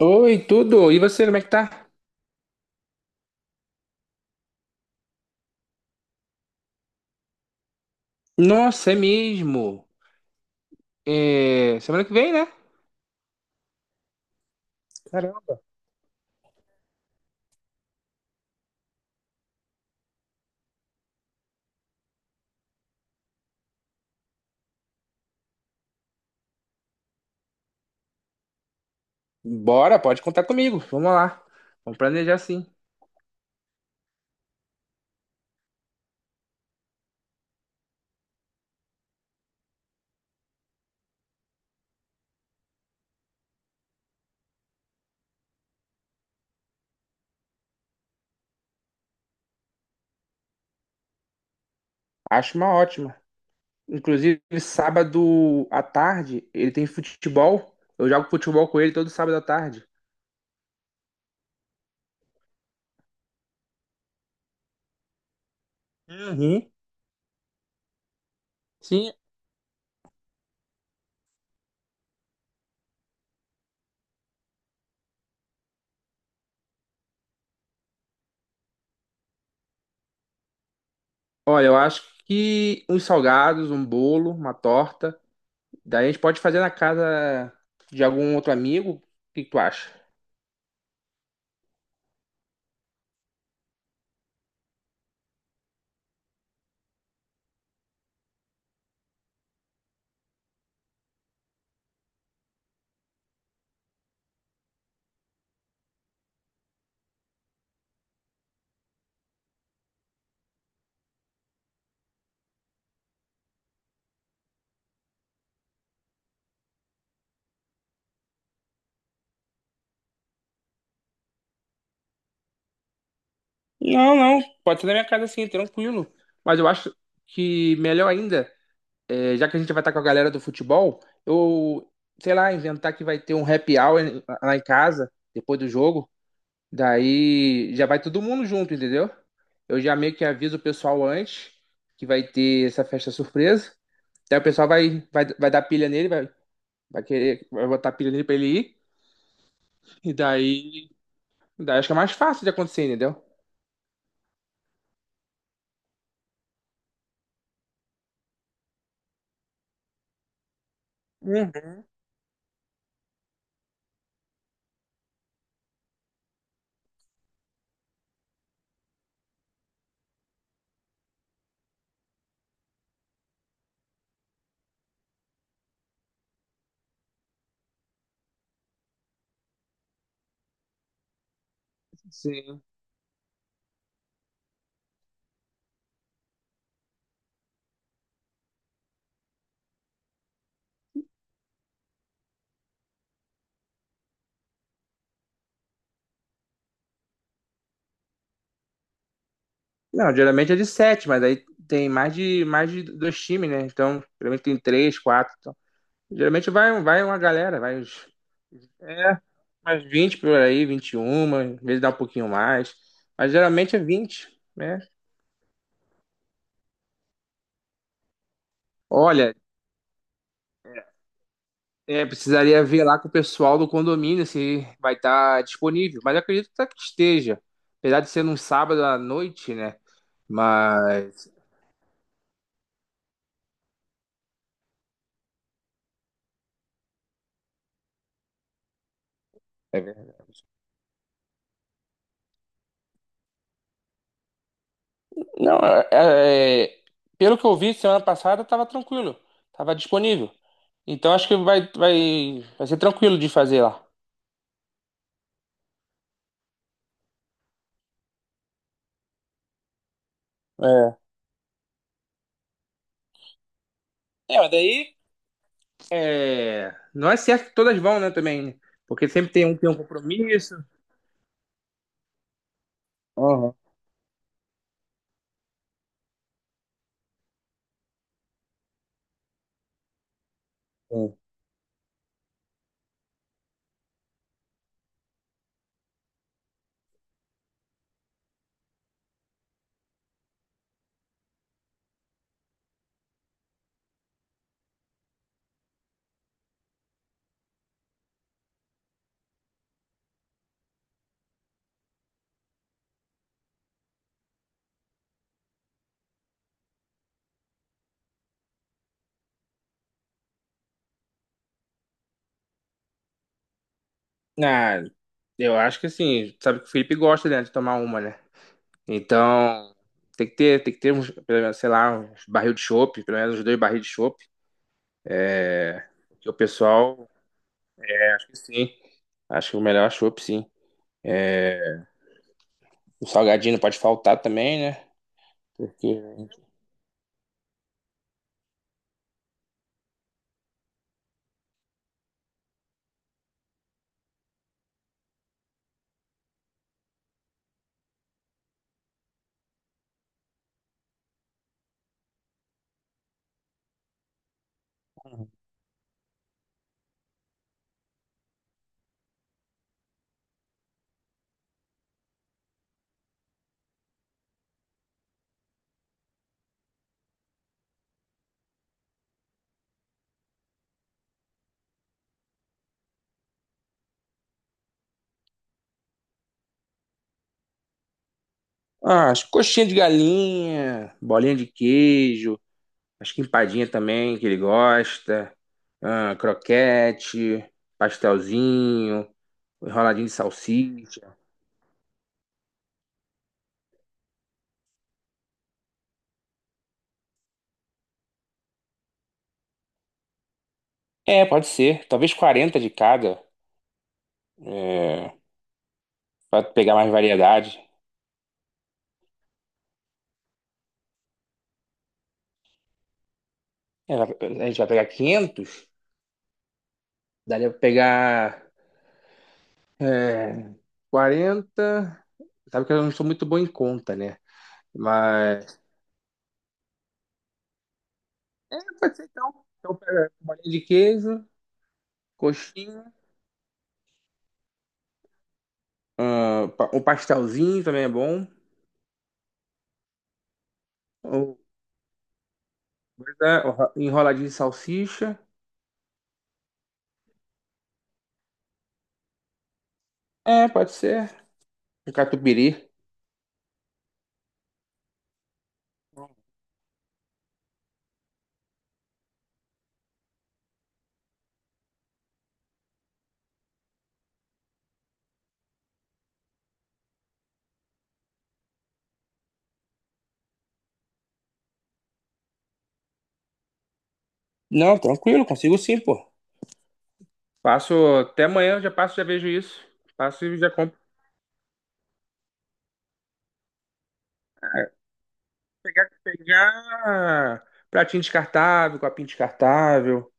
Oi, tudo? E você, como é que tá? Nossa, é mesmo. É, semana que vem, né? Bora, pode contar comigo. Vamos lá. Vamos planejar sim. Acho uma ótima. Inclusive, sábado à tarde, ele tem futebol. Eu jogo futebol com ele todo sábado à tarde. Uhum. Sim. Olha, eu acho que uns salgados, um bolo, uma torta. Daí a gente pode fazer na casa de algum outro amigo. O que que tu acha? Não, não. Pode ser na minha casa sim, tranquilo. Mas eu acho que melhor ainda, é, já que a gente vai estar com a galera do futebol, eu, sei lá, inventar que vai ter um happy hour lá em casa, depois do jogo. Daí já vai todo mundo junto, entendeu? Eu já meio que aviso o pessoal antes que vai ter essa festa surpresa. Daí o pessoal vai dar pilha nele, vai querer, vai botar pilha nele pra ele ir. E daí, daí acho que é mais fácil de acontecer, entendeu? Uhum. Sim. Não, geralmente é de sete, mas aí tem mais de dois times, né? Então, geralmente tem três, quatro. Então. Geralmente vai, vai uma galera, vai uns, é, mais 20 por aí, 21, às vezes dá um pouquinho mais. Mas geralmente é vinte. Né? Olha, precisaria ver lá com o pessoal do condomínio se vai estar disponível. Mas eu acredito até que esteja. Apesar de ser num sábado à noite, né? Mas. É. Não, pelo que eu vi semana passada, tava tranquilo, tava disponível. Então acho que vai ser tranquilo de fazer lá. É, é mas daí é, não é certo que todas vão, né, também, né? Porque sempre tem um que tem um compromisso. Aham, sim. Ah, eu acho que assim, sabe que o Felipe gosta, né, de tomar uma, né? Então tem que ter uns, pelo menos, sei lá, uns barril de chopp, pelo menos uns dois barris de chopp, que o pessoal, acho que sim, acho que o melhor é chopp, sim. O salgadinho não pode faltar também, né? Porque. Ah, as coxinhas de galinha, bolinha de queijo, acho que empadinha também, que ele gosta, ah, croquete, pastelzinho, enroladinho de salsicha. É, pode ser. Talvez 40 de cada, é, para pegar mais variedade. É, a gente vai pegar 500. Daria pra pegar, é, 40. Sabe que eu não sou muito bom em conta, né? Mas é, pode ser então. Então pega bolinha de queijo, coxinha, ah, um pastelzinho também é bom. Ou, né, enroladinho de salsicha. É, pode ser. Um catupiry. Não, tranquilo, consigo sim, pô. Passo até amanhã, eu já passo, já vejo isso. Passo e já compro. Pegar, pegar pratinho descartável, copinho descartável.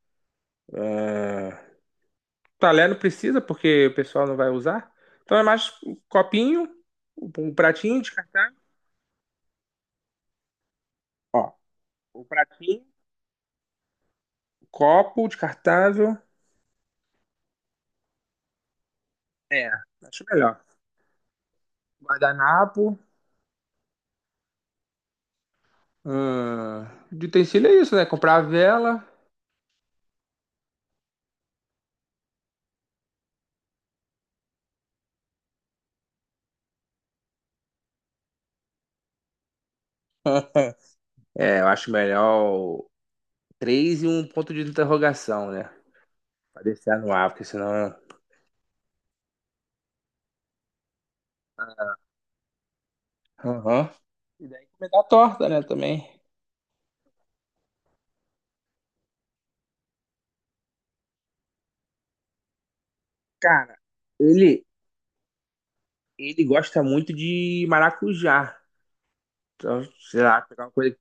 Ah, talher não precisa, porque o pessoal não vai usar. Então é mais um copinho, um pratinho descartável. Ó, o pratinho. Copo descartável. É, acho melhor. Guardanapo. Hum, de utensílio é isso, né? Comprar a vela. É, eu acho melhor o três e um ponto de interrogação, né? Pra deixar no ar, porque senão. Aham. E daí comer a torta, né? Também. Cara, ele, ele gosta muito de maracujá. Então, sei lá, pegar uma coisa.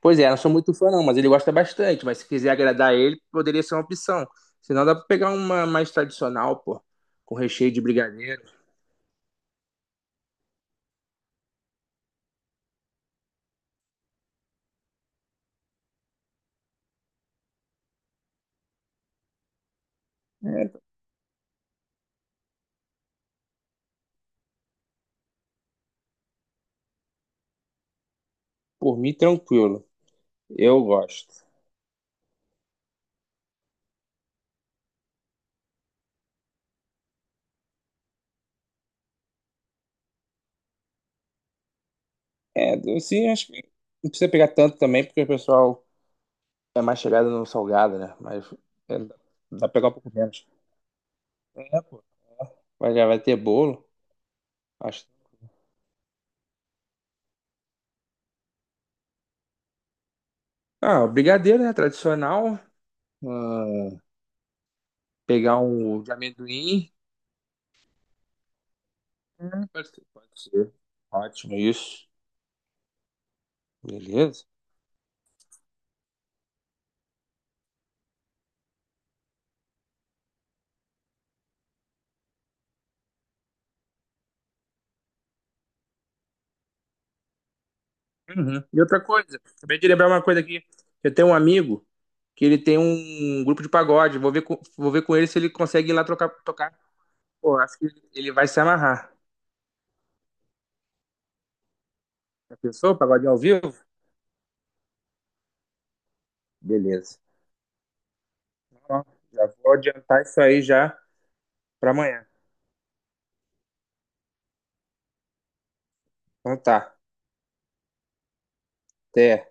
Pois é, não sou muito fã não, mas ele gosta bastante. Mas se quiser agradar ele, poderia ser uma opção. Senão dá pra pegar uma mais tradicional, pô. Com recheio de brigadeiro. É, por mim, tranquilo. Eu gosto. É, eu sim, acho que não precisa pegar tanto também, porque o pessoal é mais chegado no salgado, né? Mas é, dá pra pegar um pouco menos. É, pô. Mas já vai ter bolo, acho. Ah, o brigadeiro, né? Tradicional. Ah, pegar um de amendoim. Pode ser, pode ser. Ótimo, isso. Beleza. Uhum. E outra coisa, acabei de lembrar uma coisa aqui. Eu tenho um amigo que ele tem um grupo de pagode. Vou ver com ele se ele consegue ir lá trocar, tocar. Pô, acho que ele vai se amarrar. Já pensou? Pagodinho ao vivo? Beleza. Então, ó, já vou adiantar isso aí já pra amanhã. Então tá. Até.